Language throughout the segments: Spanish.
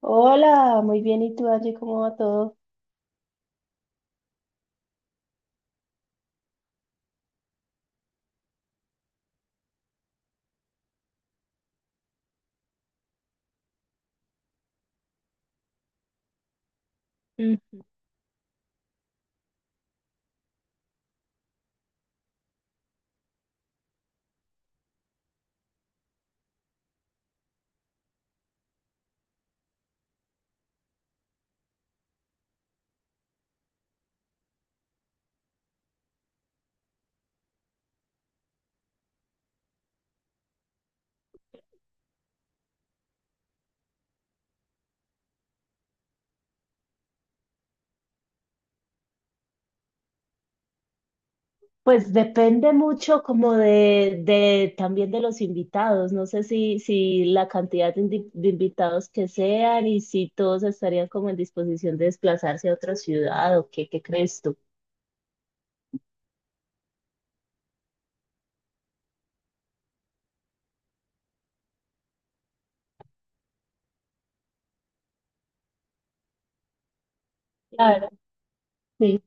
Hola, muy bien. ¿Y tú, Angie, cómo va todo? Pues depende mucho como de también de los invitados. No sé si la cantidad de invitados que sean y si todos estarían como en disposición de desplazarse a otra ciudad o qué, ¿qué crees tú? Claro, sí.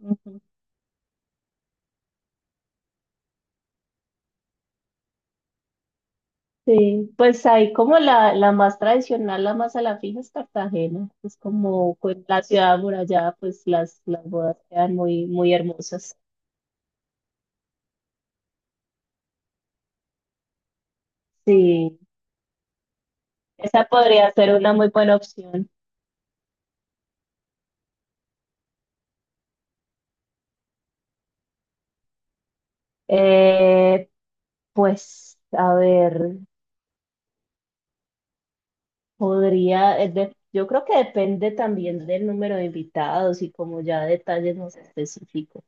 Ujú. Sí, pues ahí como la más tradicional, la más a la fija es Cartagena. Es como, pues, la ciudad amurallada, pues las bodas quedan muy, muy hermosas. Sí. Esa podría ser una muy buena opción. Eh, pues, a ver, podría, yo creo que depende también del número de invitados y como ya detalles más específicos.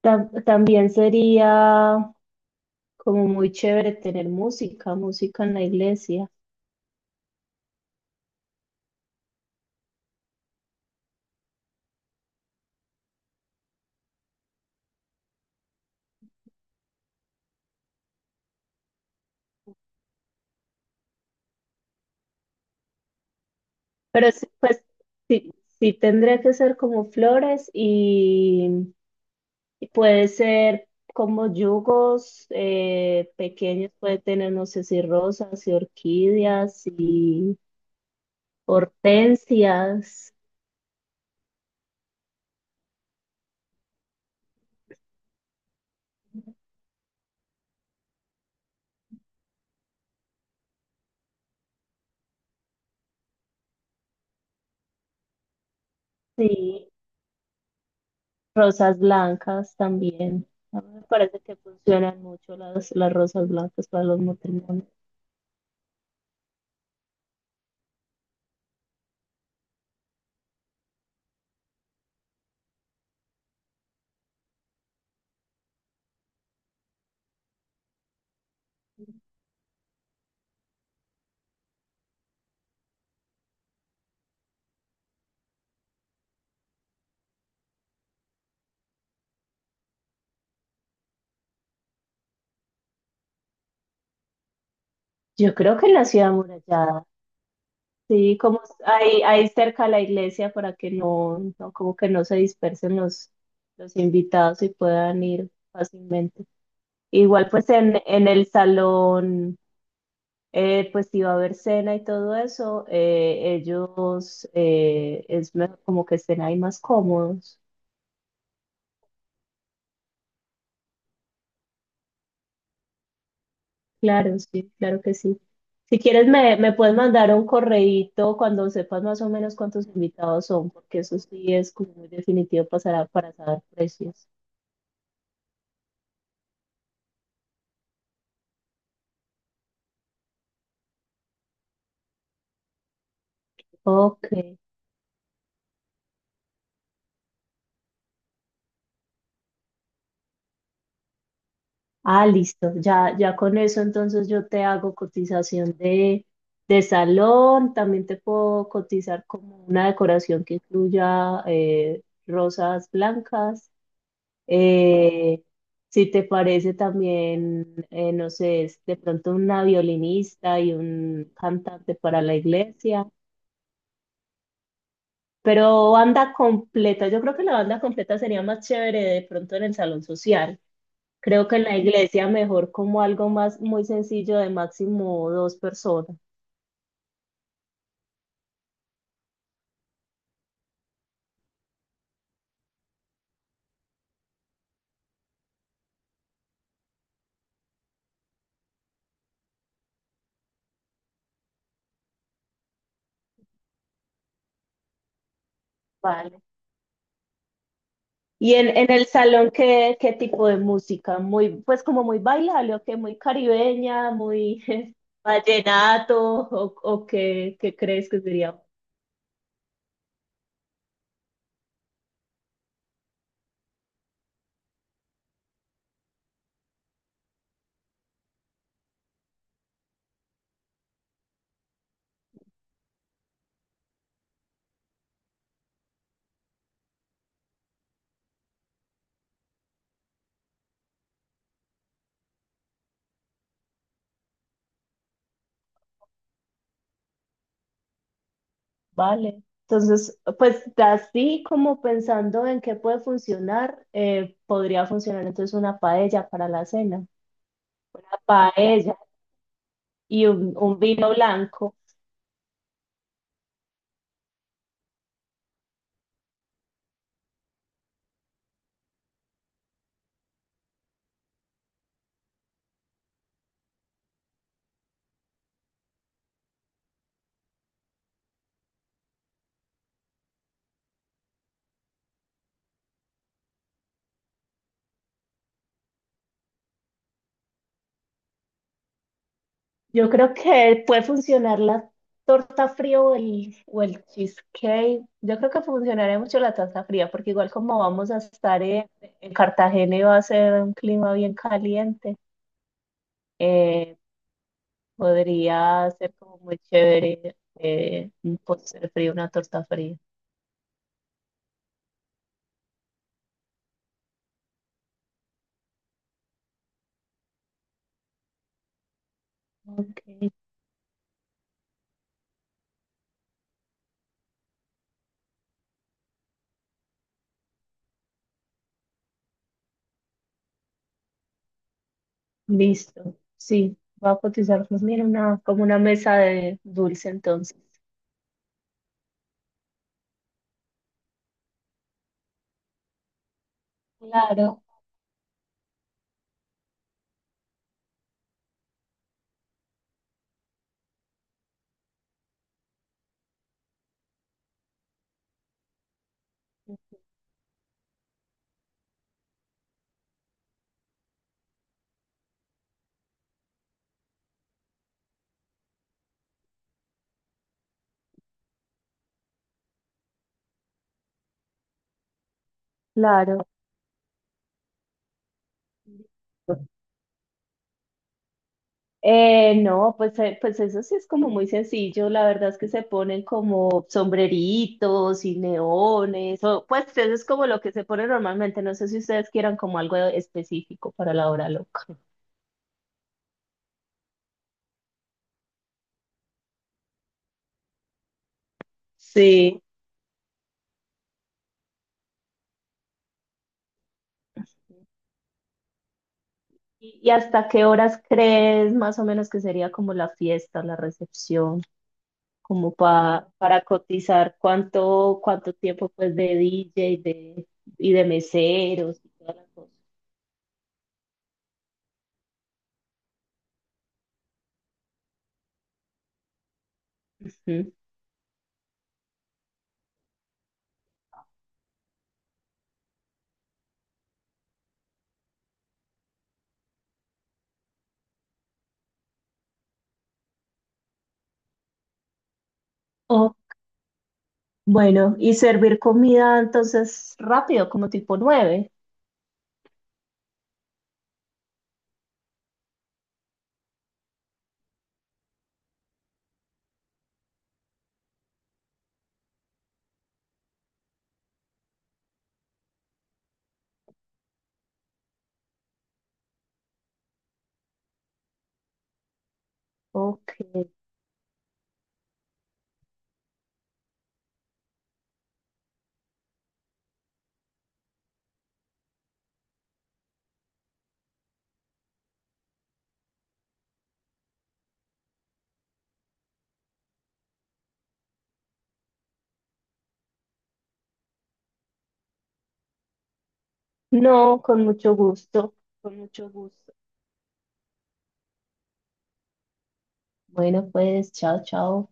También sería como muy chévere tener música, música en la iglesia. Pero sí, pues sí, sí tendría que ser como flores. Y puede ser como yugos, pequeños, puede tener, no sé, si rosas y orquídeas y hortensias, sí, rosas blancas también. A mí me parece que funcionan mucho las rosas blancas para los matrimonios. Yo creo que en la ciudad amurallada, sí, como ahí, ahí cerca a la iglesia para que no, no, como que no se dispersen los invitados y puedan ir fácilmente. Igual pues en el salón, pues iba a haber cena y todo eso, ellos es mejor como que estén ahí más cómodos. Claro, sí, claro que sí. Si quieres me puedes mandar un correíto cuando sepas más o menos cuántos invitados son, porque eso sí es como muy definitivo pasará para saber precios. Ok. Ah, listo. Ya con eso entonces yo te hago cotización de salón. También te puedo cotizar como una decoración que incluya rosas blancas. Eh, si te parece también, no sé, es de pronto una violinista y un cantante para la iglesia. Pero banda completa, yo creo que la banda completa sería más chévere de pronto en el salón social. Creo que en la iglesia mejor como algo más muy sencillo, de máximo dos personas. Vale. Y en el salón, qué tipo de música? Muy, pues como muy bailable, o que muy caribeña, muy vallenato, o qué, ¿qué crees que sería? Vale. Entonces, pues así como pensando en qué puede funcionar, podría funcionar entonces una paella para la cena, una paella y un vino blanco. Yo creo que puede funcionar la torta fría o el cheesecake. Yo creo que funcionaría mucho la torta fría, porque igual como vamos a estar en Cartagena y va a ser un clima bien caliente, eh, podría ser como muy chévere, un postre frío, una torta fría. Ok, listo. Sí, va a cotizar, pues mira, una, como una mesa de dulce entonces. Claro, claro. No, pues eso sí es como muy sencillo. La verdad es que se ponen como sombreritos y neones, o pues eso es como lo que se pone normalmente. No sé si ustedes quieran como algo específico para la hora loca. Sí. Y hasta qué horas crees más o menos que sería como la fiesta, la recepción, como para cotizar cuánto, cuánto tiempo pues de DJ de, y de meseros y toda la cosa? Ujú. Bueno, y servir comida entonces rápido, como tipo nueve. Ok. No, con mucho gusto, con mucho gusto. Bueno, pues, chao, chao.